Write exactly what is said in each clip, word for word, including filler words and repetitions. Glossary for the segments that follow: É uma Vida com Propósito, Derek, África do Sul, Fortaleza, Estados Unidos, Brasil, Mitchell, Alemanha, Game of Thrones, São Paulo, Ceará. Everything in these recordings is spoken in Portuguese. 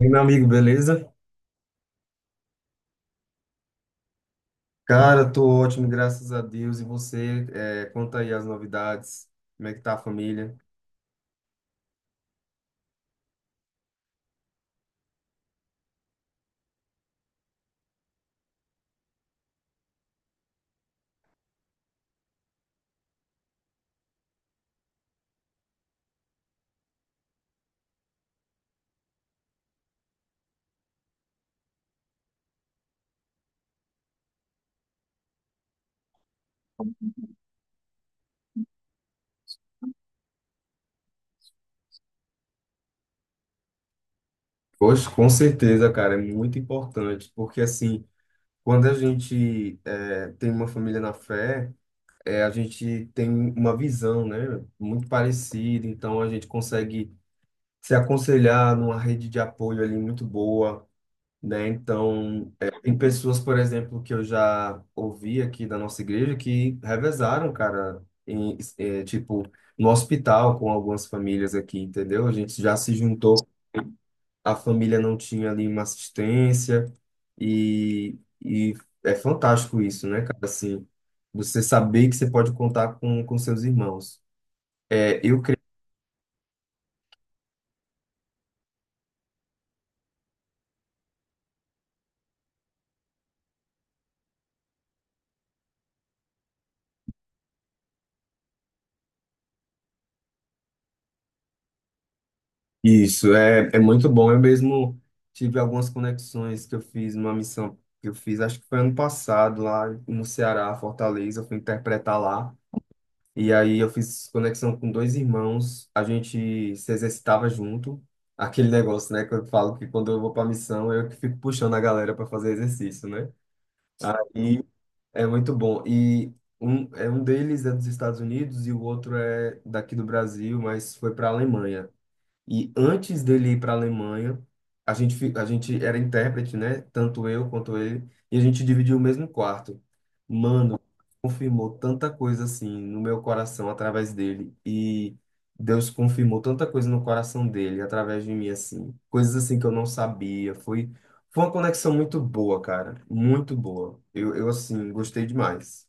E meu amigo, beleza? Cara, tô ótimo, graças a Deus. E você, é, conta aí as novidades, como é que tá a família? Poxa, com certeza, cara, é muito importante, porque assim, quando a gente é, tem uma família na fé, é, a gente tem uma visão, né, muito parecida, então a gente consegue se aconselhar numa rede de apoio ali muito boa, né? Então, é, tem pessoas, por exemplo, que eu já ouvi aqui da nossa igreja que revezaram, cara, em, é, tipo, no hospital com algumas famílias aqui, entendeu? A gente já se juntou, a família não tinha ali uma assistência e, e é fantástico isso, né, cara? Assim, você saber que você pode contar com, com seus irmãos. É, eu Isso, é, é muito bom. Eu mesmo tive algumas conexões que eu fiz numa missão que eu fiz, acho que foi ano passado, lá no Ceará, Fortaleza, eu fui interpretar lá. E aí eu fiz conexão com dois irmãos, a gente se exercitava junto. Aquele negócio, né, que eu falo que quando eu vou pra missão, eu que fico puxando a galera para fazer exercício, né? Aí é muito bom. E um, é, um deles é dos Estados Unidos e o outro é daqui do Brasil, mas foi para a Alemanha. E antes dele ir para a Alemanha, a gente, fi- a gente era intérprete, né? Tanto eu quanto ele. E a gente dividiu o mesmo quarto. Mano, confirmou tanta coisa assim no meu coração através dele. E Deus confirmou tanta coisa no coração dele através de mim, assim. Coisas assim que eu não sabia. Foi, foi uma conexão muito boa, cara. Muito boa. Eu, eu assim, gostei demais.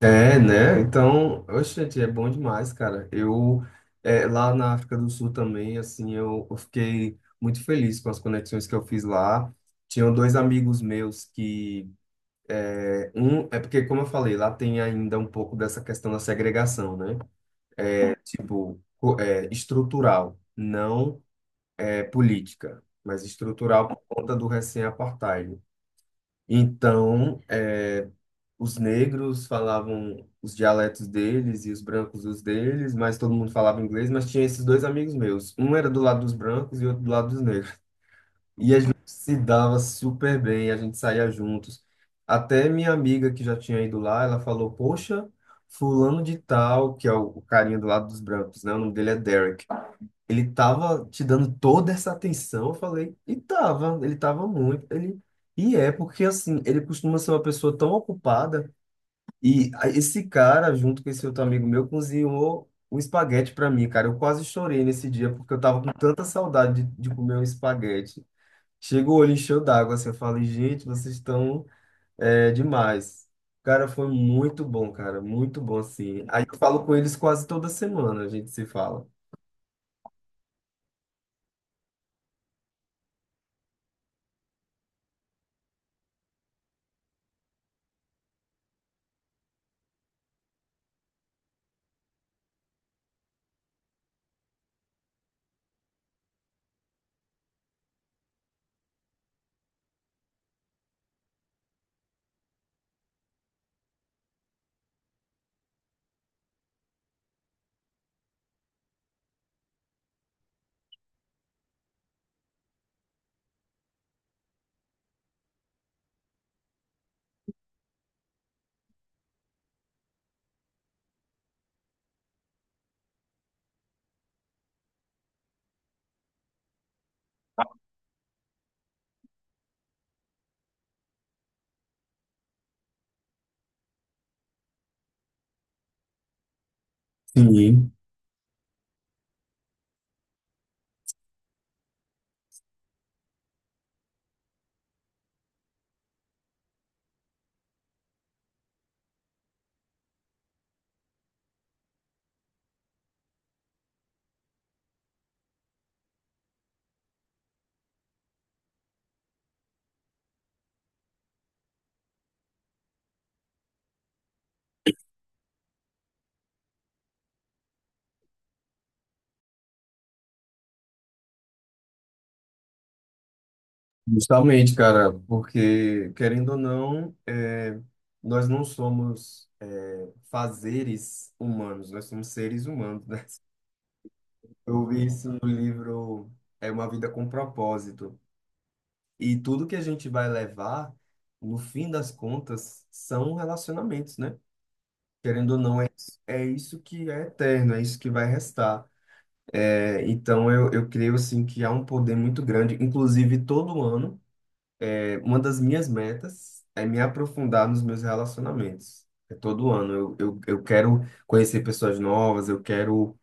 É, né? Então, oxe, gente, é bom demais, cara. Eu, é, lá na África do Sul também, assim, eu, eu fiquei muito feliz com as conexões que eu fiz lá. Tinham dois amigos meus que, é, um, é porque, como eu falei, lá tem ainda um pouco dessa questão da segregação, né? É, tipo, co- é, estrutural, não é política, mas estrutural por conta do recém-apartheid. Então, os negros falavam os dialetos deles e os brancos os deles, mas todo mundo falava inglês, mas tinha esses dois amigos meus. Um era do lado dos brancos e outro do lado dos negros. E a gente se dava super bem, a gente saía juntos. Até minha amiga que já tinha ido lá, ela falou: "Poxa, fulano de tal, que é o o carinha do lado dos brancos, né? O nome dele é Derek. Ele tava te dando toda essa atenção". Eu falei: "E tava, ele tava muito, ele E é porque assim, ele costuma ser uma pessoa tão ocupada e a- esse cara, junto com esse outro amigo meu, cozinhou um espaguete para mim, cara. Eu quase chorei nesse dia, porque eu tava com tanta saudade de, de comer um espaguete. Chegou o olho encheu d'água, assim, eu falei, gente, vocês estão é, demais. Cara, foi muito bom, cara, muito bom, assim. Aí eu falo com eles quase toda semana, a gente se fala. Sim, justamente, cara, porque, querendo ou não, é, nós não somos é, fazeres humanos, nós somos seres humanos, né? Eu vi isso no livro É uma Vida com Propósito. E tudo que a gente vai levar, no fim das contas, são relacionamentos, né? Querendo ou não, é, é isso que é eterno, é isso que vai restar. É, então, eu, eu creio, assim, que há um poder muito grande. Inclusive, todo ano, é, uma das minhas metas é me aprofundar nos meus relacionamentos. É todo ano. Eu, eu, eu quero conhecer pessoas novas, eu quero,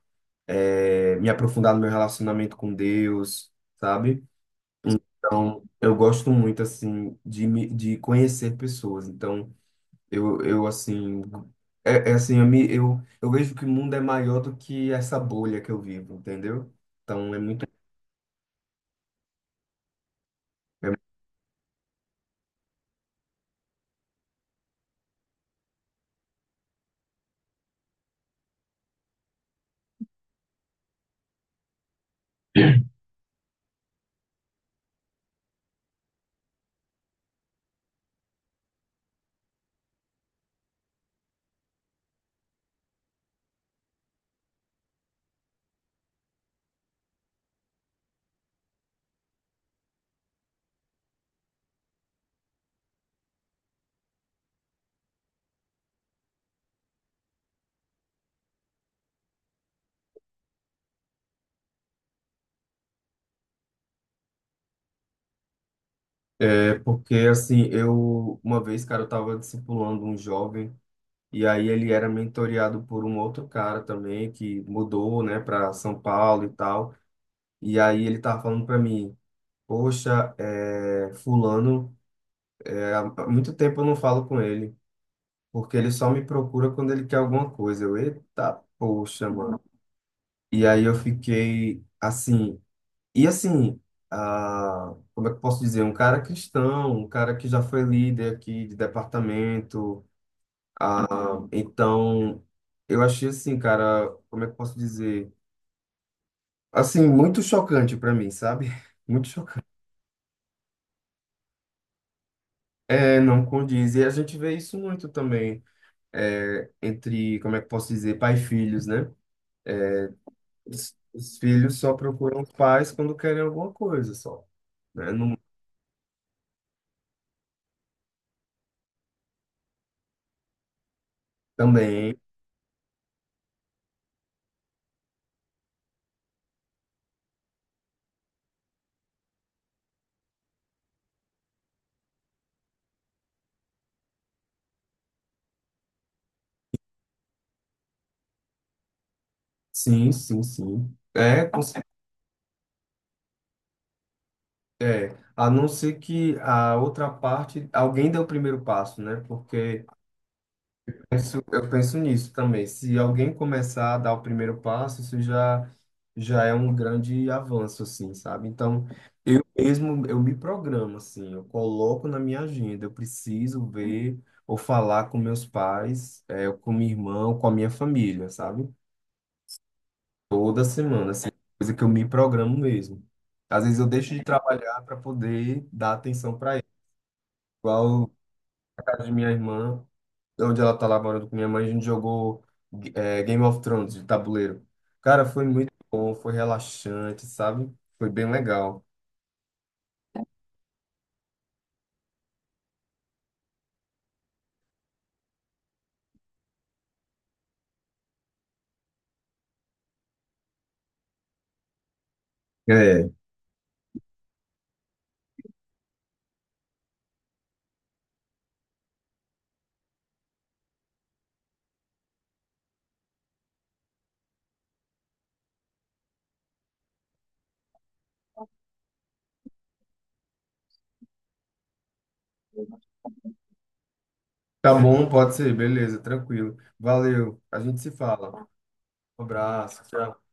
é, me aprofundar no meu relacionamento com Deus, sabe? Eu gosto muito, assim, de, me- de conhecer pessoas. Então, eu, eu assim, é, é assim, eu, me, eu, eu vejo que o mundo é maior do que essa bolha que eu vivo, entendeu? Então, é muito. É é porque, assim, eu, uma vez, cara, eu tava discipulando um jovem, e aí ele era mentoreado por um outro cara também, que mudou, né, pra São Paulo e tal. E aí ele tava falando pra mim, poxa, é, fulano, é, há muito tempo eu não falo com ele. Porque ele só me procura quando ele quer alguma coisa. Eu, eita, poxa, mano. E aí eu fiquei assim. E assim, ah, como é que eu posso dizer? Um cara cristão, um cara que já foi líder aqui de departamento. Ah, então, eu achei assim, cara, como é que eu posso dizer? Assim, muito chocante pra mim, sabe? Muito chocante. É, não condiz. E a gente vê isso muito também é, entre, como é que eu posso dizer, pai e filhos, né? Os, os filhos só procuram os pais quando querem alguma coisa, só, né? Não, também, sim, sim, sim. É, com cer- é, a não ser que a outra parte, alguém dê o primeiro passo, né? Porque penso, eu penso nisso também. Se alguém começar a dar o primeiro passo, isso já, já é um grande avanço, assim, sabe? Então, eu mesmo, eu me programo, assim, eu coloco na minha agenda, eu preciso ver ou falar com meus pais, eh, com minha irmã, ou com a minha família, sabe? Toda semana, assim, coisa que eu me programo mesmo. Às vezes eu deixo de trabalhar para poder dar atenção para ele. Igual o caso de minha irmã, onde ela tá lá morando com minha mãe, a gente jogou é, Game of Thrones de tabuleiro. Cara, foi muito bom, foi relaxante, sabe? Foi bem legal. É, tá bom, pode ser, beleza, tranquilo. Valeu, a gente se fala. Um abraço, tchau.